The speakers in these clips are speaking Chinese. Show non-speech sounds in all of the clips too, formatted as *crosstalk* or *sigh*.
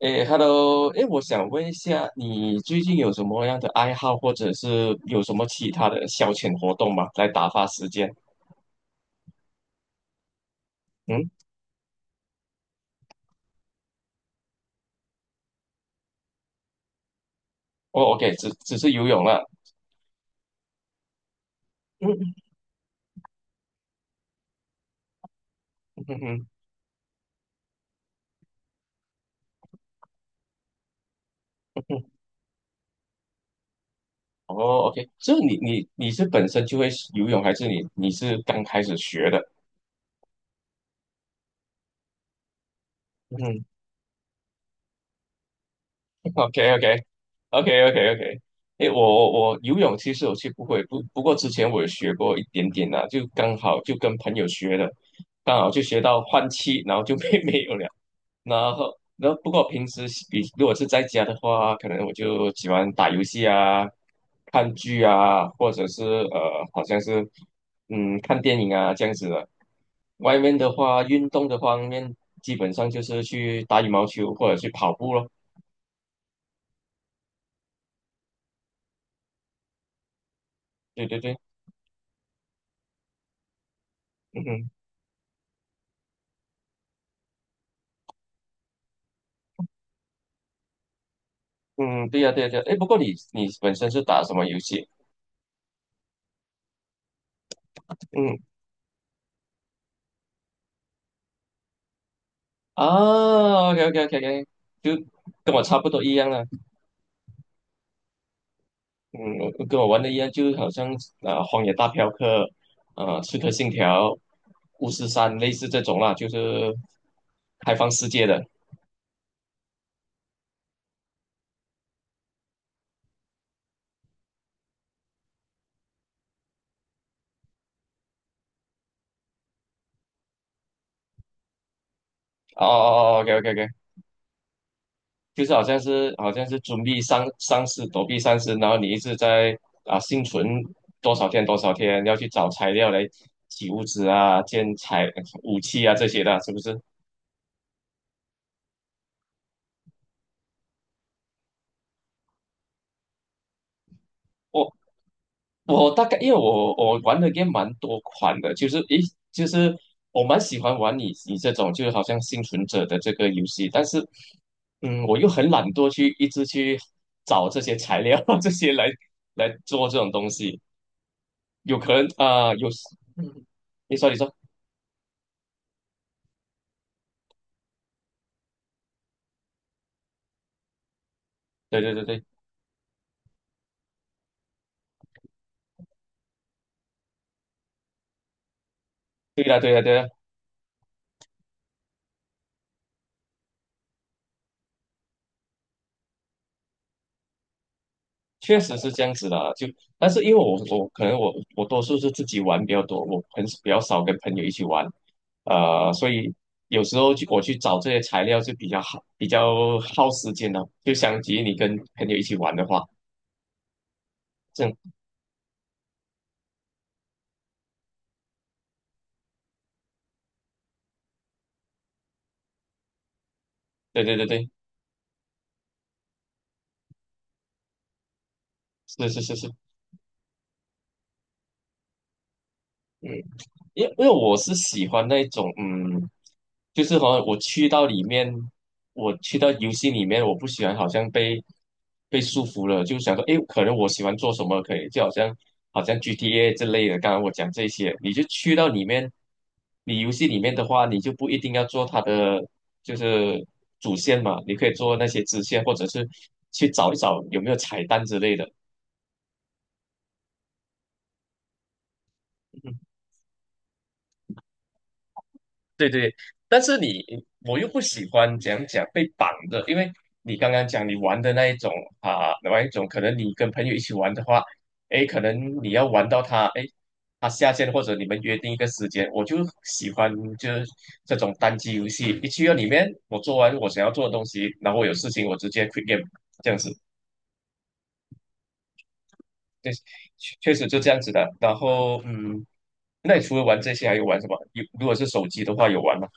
诶，Hello，诶，我想问一下，你最近有什么样的爱好，或者是有什么其他的消遣活动吗？来打发时间？嗯，哦，OK，只是游泳了。嗯嗯嗯嗯嗯，哦，OK，这你是本身就会游泳，还是你是刚开始学的？嗯，OK OK OK OK OK，诶，我游泳其实我是不会，不过之前我有学过一点点啦、就刚好就跟朋友学的，刚好就学到换气，然后就没 *laughs* 没有了。然后不过平时比如果是在家的话，可能我就喜欢打游戏啊、看剧啊，或者是好像是看电影啊这样子的。外面的话，运动的方面，基本上就是去打羽毛球或者去跑步咯。对对对，嗯哼，嗯，对呀、对呀、对呀、哎，不过你本身是打什么游戏？嗯啊，OK OK OK OK，就跟我差不多一样了。嗯，跟我玩的一样，就是好像啊，《荒野大镖客》啊，《刺客信条》《巫师三》类似这种啦，就是开放世界的。哦哦哦，OK OK OK，就是好像是准备丧尸躲避丧尸，然后你一直在啊幸存多少天多少天，要去找材料来起物资啊、建材武器啊这些的，是不是？哦。我大概因为我玩的 g a 蛮多款的，就是诶，就是我蛮喜欢玩你这种，就是好像幸存者的这个游戏，但是，嗯，我又很懒惰去一直去找这些材料 *laughs* 这些来做这种东西，有可能啊、有，嗯你说你说，对对对对对的对的对的。确实是这样子的，就但是因为我可能我多数是自己玩比较多，我很比较少跟朋友一起玩，所以有时候去我去找这些材料就比较耗时间的，就相比于你跟朋友一起玩的话，这样对对对对，是是是是，嗯。因为我是喜欢那种，嗯，就是好像我去到里面，我去到游戏里面，我不喜欢好像被束缚了，就想说，诶，可能我喜欢做什么可以，就好像 GTA 之类的。刚刚我讲这些，你就去到里面，你游戏里面的话，你就不一定要做它的就是主线嘛，你可以做那些支线，或者是去找一找有没有彩蛋之类的。对对，但是你我又不喜欢讲被绑的，因为你刚刚讲你玩的那一种啊，玩一种可能你跟朋友一起玩的话，诶，可能你要玩到他，诶，他下线或者你们约定一个时间，我就喜欢就是这种单机游戏，一去到里面，我做完我想要做的东西，然后我有事情我直接 quit game 这样子，对，确实就这样子的。然后那你除了玩这些还有玩什么？有如果是手机的话有玩吗？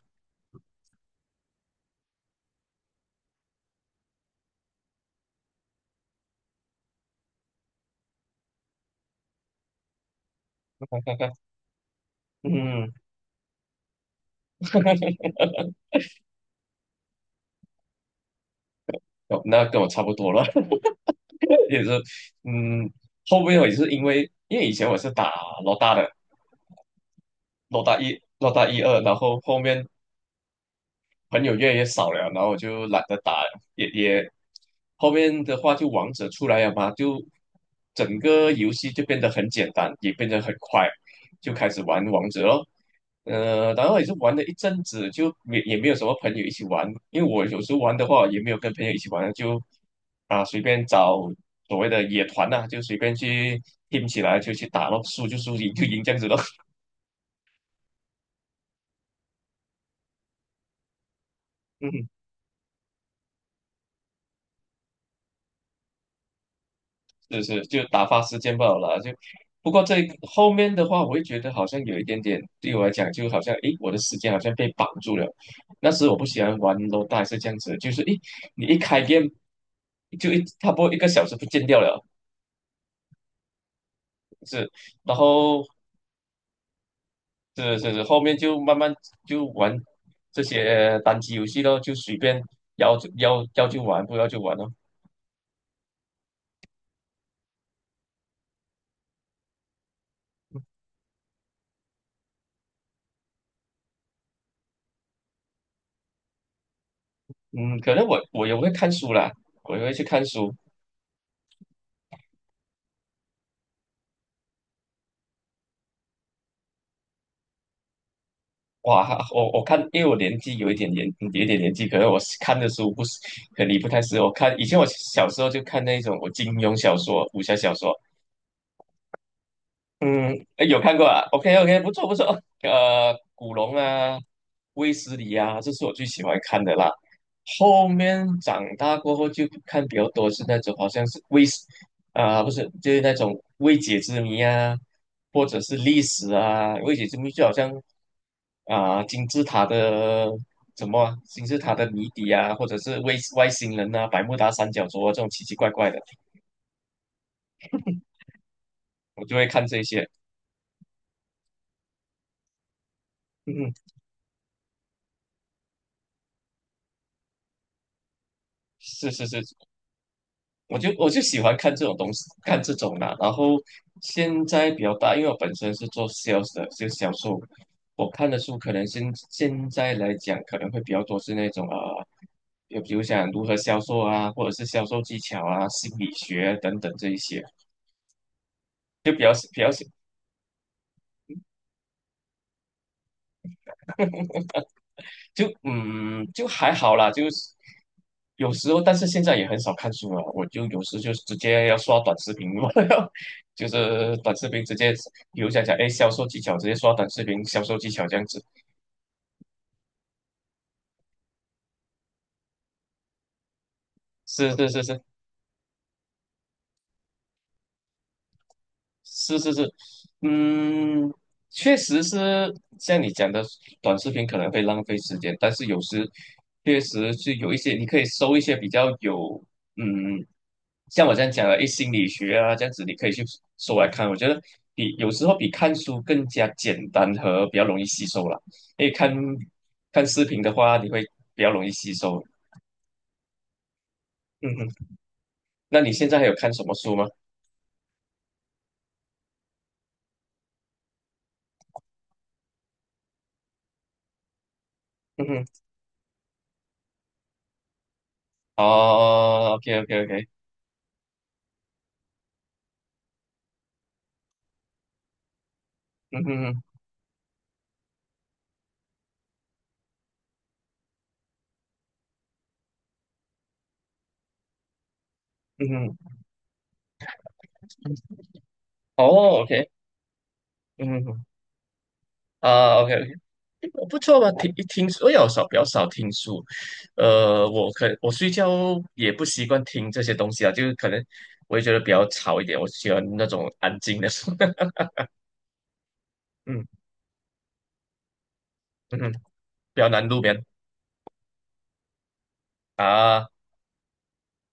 嗯。*laughs* 哦，那跟我差不多了，*laughs* 也是，嗯，后面我也是因为以前我是打老大的，老大一、老大一二，然后后面朋友越来越少了，然后我就懒得打了也后面的话就王者出来了嘛，就整个游戏就变得很简单，也变得很快，就开始玩王者咯。然后也是玩了一阵子，就也没有什么朋友一起玩，因为我有时候玩的话也没有跟朋友一起玩，就啊随便找所谓的野团呐、就随便去 team 起来就去打咯，输就输，赢就赢这样子咯。*laughs* 是是，就打发时间罢了啦。就不过这后面的话，我会觉得好像有一点点，对我来讲，就好像诶，我的时间好像被绑住了。那时我不喜欢玩 l o d 是这样子，就是诶，你一开 g 就一差不多一个小时不见掉了，是，然后是是是，后面就慢慢就玩这些单机游戏咯，就随便要就玩，不要就玩咯。嗯，可能我也会看书啦，我也会去看书。哇，我看，因为我年纪有一点年纪，可能我看的书不是，可能你不太适合。我看以前我小时候就看那种我金庸小说、武侠小说，嗯，哎有看过啊？OK OK，不错不错。古龙啊，卫斯理啊，这是我最喜欢看的啦。后面长大过后就看比较多是那种好像是卫斯啊、不是就是那种未解之谜啊，或者是历史啊。未解之谜就好像啊、金字塔的谜底啊，或者是外星人啊，百慕达三角洲啊这种奇奇怪怪的，我就会看这些。嗯，嗯是是是，我就喜欢看这种东西，看这种的。然后现在比较大，因为我本身是做 sales 的，就销售。我看的书可能现在来讲，可能会比较多是那种就比如像如何销售啊，或者是销售技巧啊、心理学啊等等这一些，就比较就就还好啦，就是有时候，但是现在也很少看书了。我就有时就直接要刷短视频，*laughs* 我要就是短视频直接，比如讲，哎，销售技巧，直接刷短视频销售技巧这样子。是是是是，是是是，嗯，确实是像你讲的，短视频可能会浪费时间，但是有时确实是有一些，你可以搜一些比较有，嗯，像我这样讲的，一心理学啊，这样子你可以去搜来看。我觉得比有时候比看书更加简单和比较容易吸收了，因为看看视频的话，你会比较容易吸收。嗯哼，那你现在还有看什么书吗？嗯哼，哦，OK OK OK，嗯哼嗯哼。哦，OK，嗯，啊，OK，OK。不错吧？听一听，我比较少听书，我睡觉也不习惯听这些东西啊，就是可能我也觉得比较吵一点，我喜欢那种安静的书，*laughs* 嗯嗯哼，比较难入眠啊，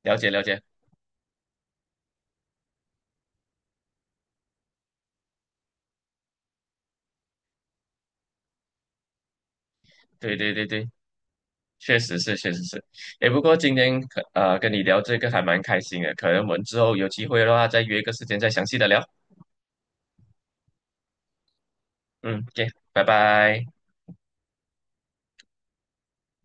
了解了解，对对对对，确实是确实是，诶，不过今天跟你聊这个还蛮开心的，可能我们之后有机会的话再约一个时间再详细的聊，嗯，OK，拜拜。